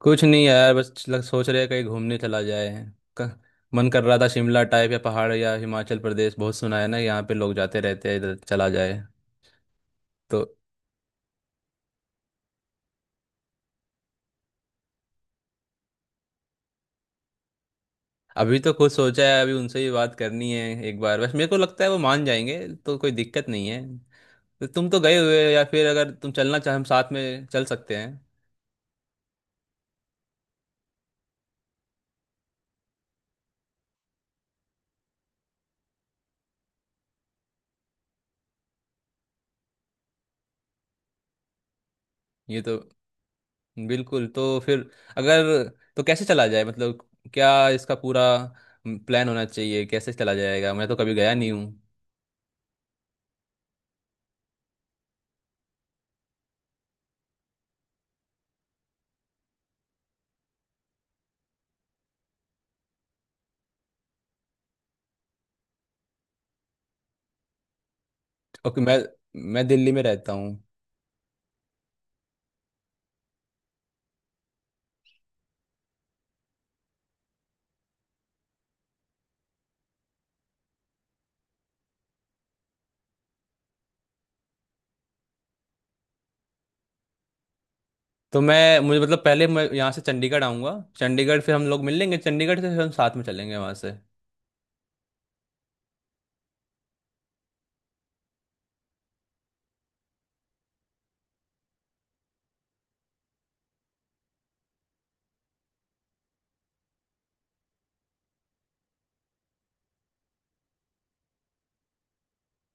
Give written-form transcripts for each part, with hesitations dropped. कुछ नहीं यार, बस सोच रहे हैं कहीं घूमने चला जाए। क- मन कर रहा था शिमला टाइप, या पहाड़, या हिमाचल प्रदेश बहुत सुना है ना, यहाँ पे लोग जाते रहते हैं, इधर चला जाए तो। अभी तो खुद सोचा है, अभी उनसे ही बात करनी है। एक बार बस मेरे को लगता है वो मान जाएंगे, तो कोई दिक्कत नहीं है। तो तुम तो गए हुए हो, या फिर अगर तुम चलना चाहे हम साथ में चल सकते हैं। ये तो बिल्कुल। तो फिर अगर, तो कैसे चला जाए, मतलब क्या इसका पूरा प्लान होना चाहिए, कैसे चला जाएगा? मैं तो कभी गया नहीं हूँ। ओके। मैं दिल्ली में रहता हूँ। तो मैं मुझे, मतलब पहले मैं यहाँ से चंडीगढ़ आऊँगा, चंडीगढ़ फिर हम लोग मिल लेंगे, चंडीगढ़ से फिर हम साथ में चलेंगे वहाँ से।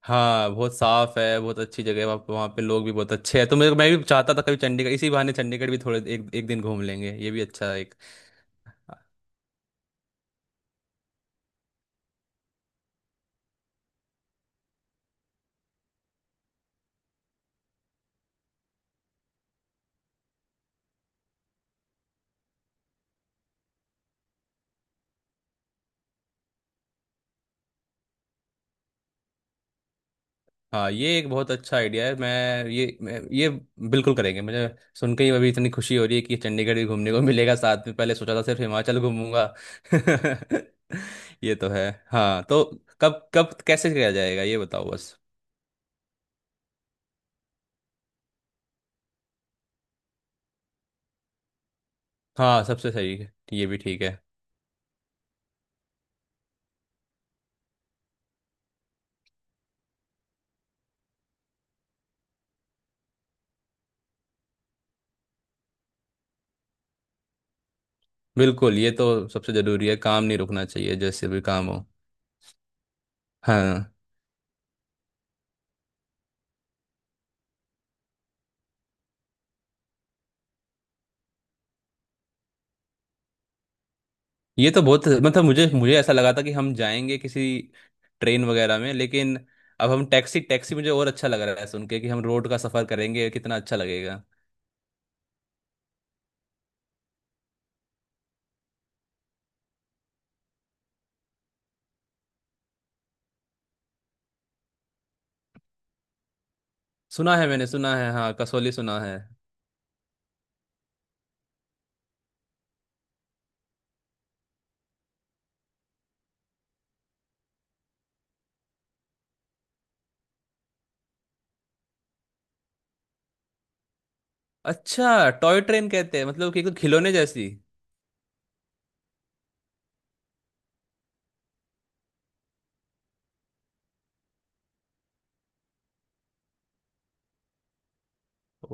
हाँ, बहुत साफ है, बहुत अच्छी जगह है वहाँ, वहाँ पे लोग भी बहुत अच्छे हैं, तो मेरे मैं भी चाहता था कभी चंडीगढ़, इसी बहाने चंडीगढ़ भी थोड़े एक एक दिन घूम लेंगे, ये भी अच्छा है। हाँ, ये एक बहुत अच्छा आइडिया है। मैं ये बिल्कुल करेंगे। मुझे सुन के ही अभी इतनी खुशी हो रही है कि चंडीगढ़ भी घूमने को मिलेगा साथ में, पहले सोचा था सिर्फ हिमाचल घूमूंगा। ये तो है। हाँ तो, कब कब कैसे किया जाएगा, ये बताओ बस। हाँ, सबसे सही है, ये भी ठीक है। बिल्कुल, ये तो सबसे जरूरी है, काम नहीं रुकना चाहिए, जैसे भी काम हो। हाँ ये तो बहुत, मतलब मुझे मुझे ऐसा लगा था कि हम जाएंगे किसी ट्रेन वगैरह में, लेकिन अब हम टैक्सी, टैक्सी मुझे और अच्छा लग रहा है सुन के कि हम रोड का सफर करेंगे, कितना अच्छा लगेगा। सुना है, मैंने सुना है, हाँ कसौली सुना है। अच्छा, टॉय ट्रेन कहते हैं, मतलब कि एक खिलौने जैसी।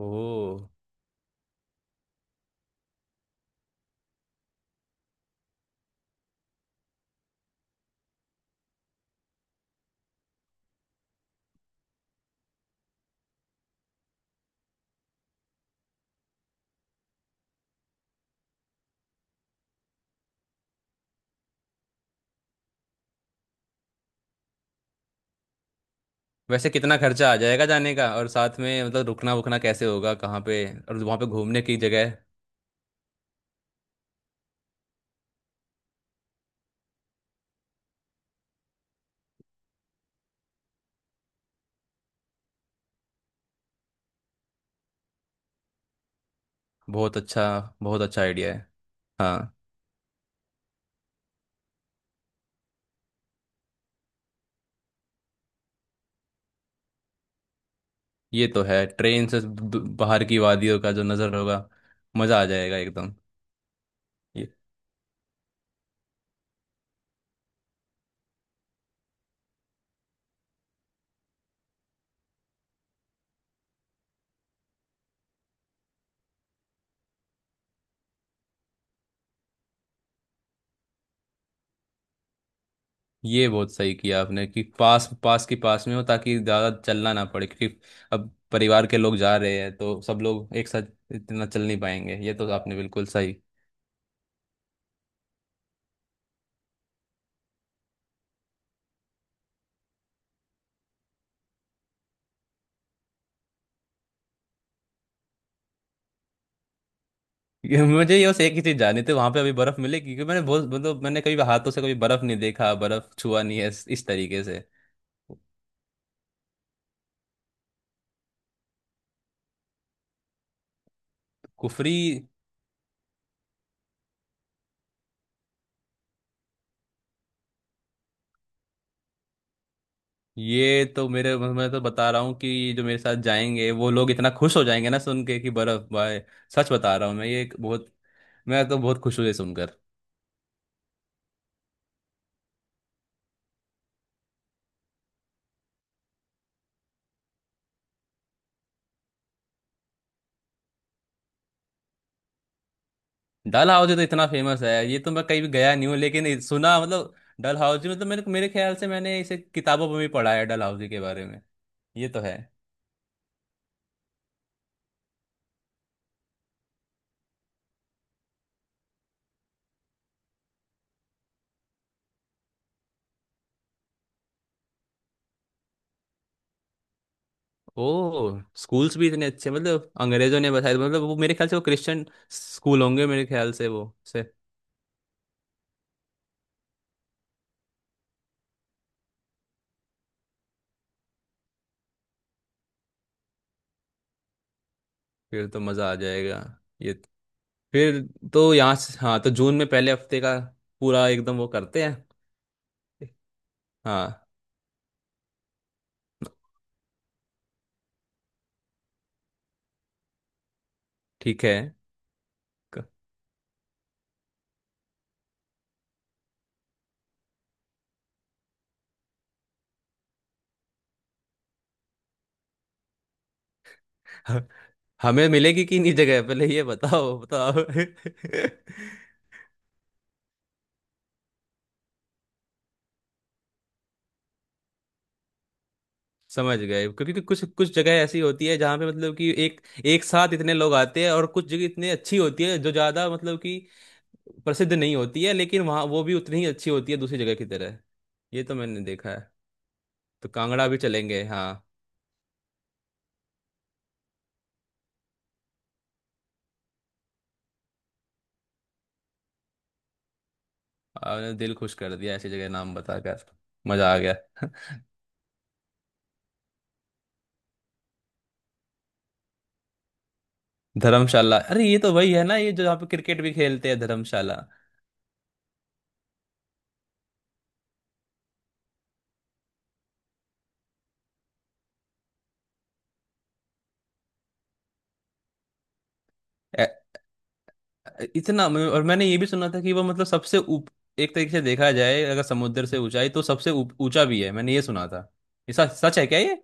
ओह। वैसे कितना खर्चा आ जाएगा जाने का, और साथ में मतलब रुकना वुकना कैसे होगा, कहाँ पे, और वहाँ पे घूमने की जगह? बहुत अच्छा। बहुत अच्छा आइडिया है। हाँ ये तो है, ट्रेन से बाहर की वादियों का जो नज़र होगा, मज़ा आ जाएगा एकदम। ये ये बहुत सही किया आपने कि पास पास के पास में हो ताकि ज़्यादा चलना ना पड़े, क्योंकि अब परिवार के लोग जा रहे हैं तो सब लोग एक साथ इतना चल नहीं पाएंगे, ये तो आपने बिल्कुल सही। ये मुझे ये बस एक ही चीज़ जाननी थी, वहाँ पे अभी बर्फ़ मिलेगी? क्योंकि मैंने बहुत, मतलब मैंने कभी हाथों से कभी बर्फ़ नहीं देखा, बर्फ़ छुआ नहीं है इस तरीके से। कुफरी। ये तो मेरे मैं तो बता रहा हूँ कि जो मेरे साथ जाएंगे वो लोग इतना खुश हो जाएंगे ना सुन के कि बर्फ, भाई। सच बता रहा हूँ मैं, ये एक बहुत, मैं तो बहुत खुश हूँ ये सुनकर। डल हाउस तो इतना फेमस है, ये तो मैं कहीं भी गया नहीं हूँ लेकिन ये सुना, मतलब डल हाउस जी, मतलब मेरे मेरे ख्याल से मैंने इसे किताबों में भी पढ़ा है डल हाउस जी के बारे में। ये तो है। ओ, स्कूल्स भी इतने अच्छे, मतलब अंग्रेजों ने बताया, मतलब वो मेरे ख्याल से वो क्रिश्चियन स्कूल होंगे, मेरे ख्याल से वो से। फिर तो मजा आ जाएगा। ये, फिर तो यहाँ से, हाँ तो जून में पहले हफ्ते का पूरा एकदम वो करते हैं। हाँ ठीक है। क- हमें मिलेगी कि नहीं जगह, पहले ये बताओ बताओ। समझ गए, क्योंकि कि कुछ कुछ जगह ऐसी होती है जहाँ पे मतलब कि एक एक साथ इतने लोग आते हैं, और कुछ जगह इतनी अच्छी होती है जो ज़्यादा, मतलब कि प्रसिद्ध नहीं होती है, लेकिन वहाँ वो भी उतनी ही अच्छी होती है दूसरी जगह की तरह। ये तो मैंने देखा है। तो कांगड़ा भी चलेंगे, हाँ। आपने दिल खुश कर दिया ऐसी जगह नाम बताकर। मज़ा आ गया। धर्मशाला, अरे ये तो वही है ना, ये जो यहाँ पे क्रिकेट भी खेलते हैं, धर्मशाला। ए- इतना और मैंने ये भी सुना था कि वो, मतलब सबसे ऊप एक तरीके से देखा जाए अगर समुद्र से ऊंचाई, तो सबसे ऊंचा भी है, मैंने ये सुना था। ये सच सच है क्या ये?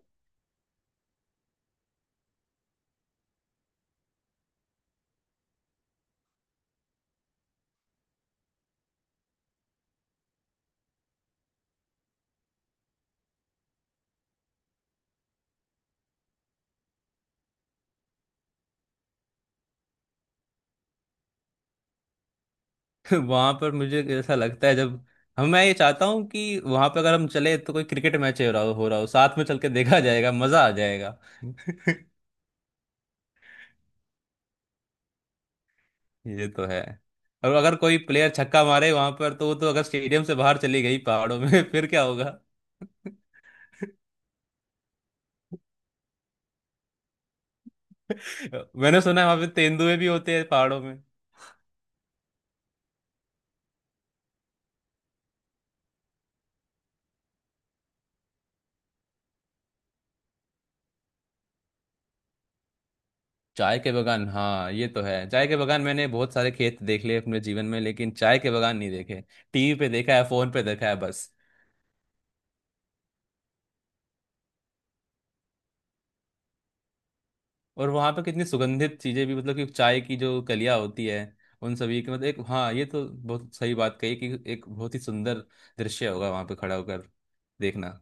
वहां पर मुझे ऐसा लगता है जब हम मैं, ये चाहता हूँ कि वहां पर अगर हम चले तो कोई क्रिकेट मैच हो रहा हो, साथ में चल के देखा जाएगा, मजा आ जाएगा। ये तो है। और अगर कोई प्लेयर छक्का मारे वहां पर, तो वो तो अगर स्टेडियम से बाहर चली गई पहाड़ों में फिर क्या होगा? मैंने सुना है वहां पे तेंदुए भी होते हैं पहाड़ों में। चाय के बगान, हाँ ये तो है, चाय के बगान मैंने बहुत सारे खेत देख लिए अपने जीवन में लेकिन चाय के बगान नहीं देखे, टीवी पे देखा है, फोन पे देखा है बस। और वहां पे कितनी सुगंधित चीजें भी, मतलब कि चाय की जो कलियां होती है उन सभी की, मतलब एक, हाँ ये तो बहुत सही बात कही कि एक बहुत ही सुंदर दृश्य होगा वहां पे खड़ा होकर देखना।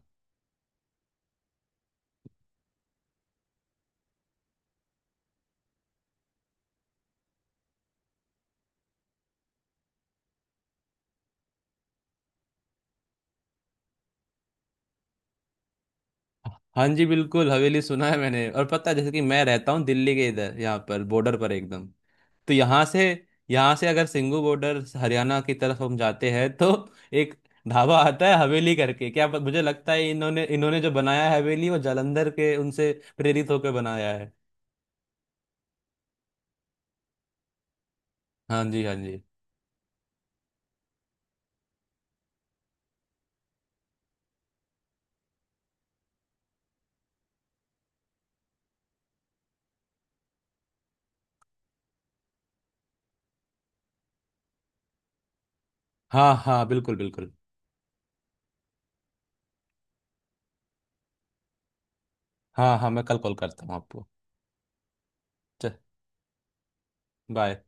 हाँ जी बिल्कुल, हवेली सुना है मैंने, और पता है जैसे कि मैं रहता हूँ दिल्ली के इधर, यहाँ पर बॉर्डर पर एकदम, तो यहाँ से अगर सिंगू बॉर्डर हरियाणा की तरफ हम जाते हैं तो एक ढाबा आता है हवेली करके, मुझे लगता है इन्होंने इन्होंने जो बनाया है हवेली वो जालंधर के उनसे प्रेरित होकर बनाया है। हाँ जी, हाँ जी। हाँ हाँ बिल्कुल बिल्कुल। हाँ हाँ, मैं कल कॉल करता हूँ आपको। चल, बाय।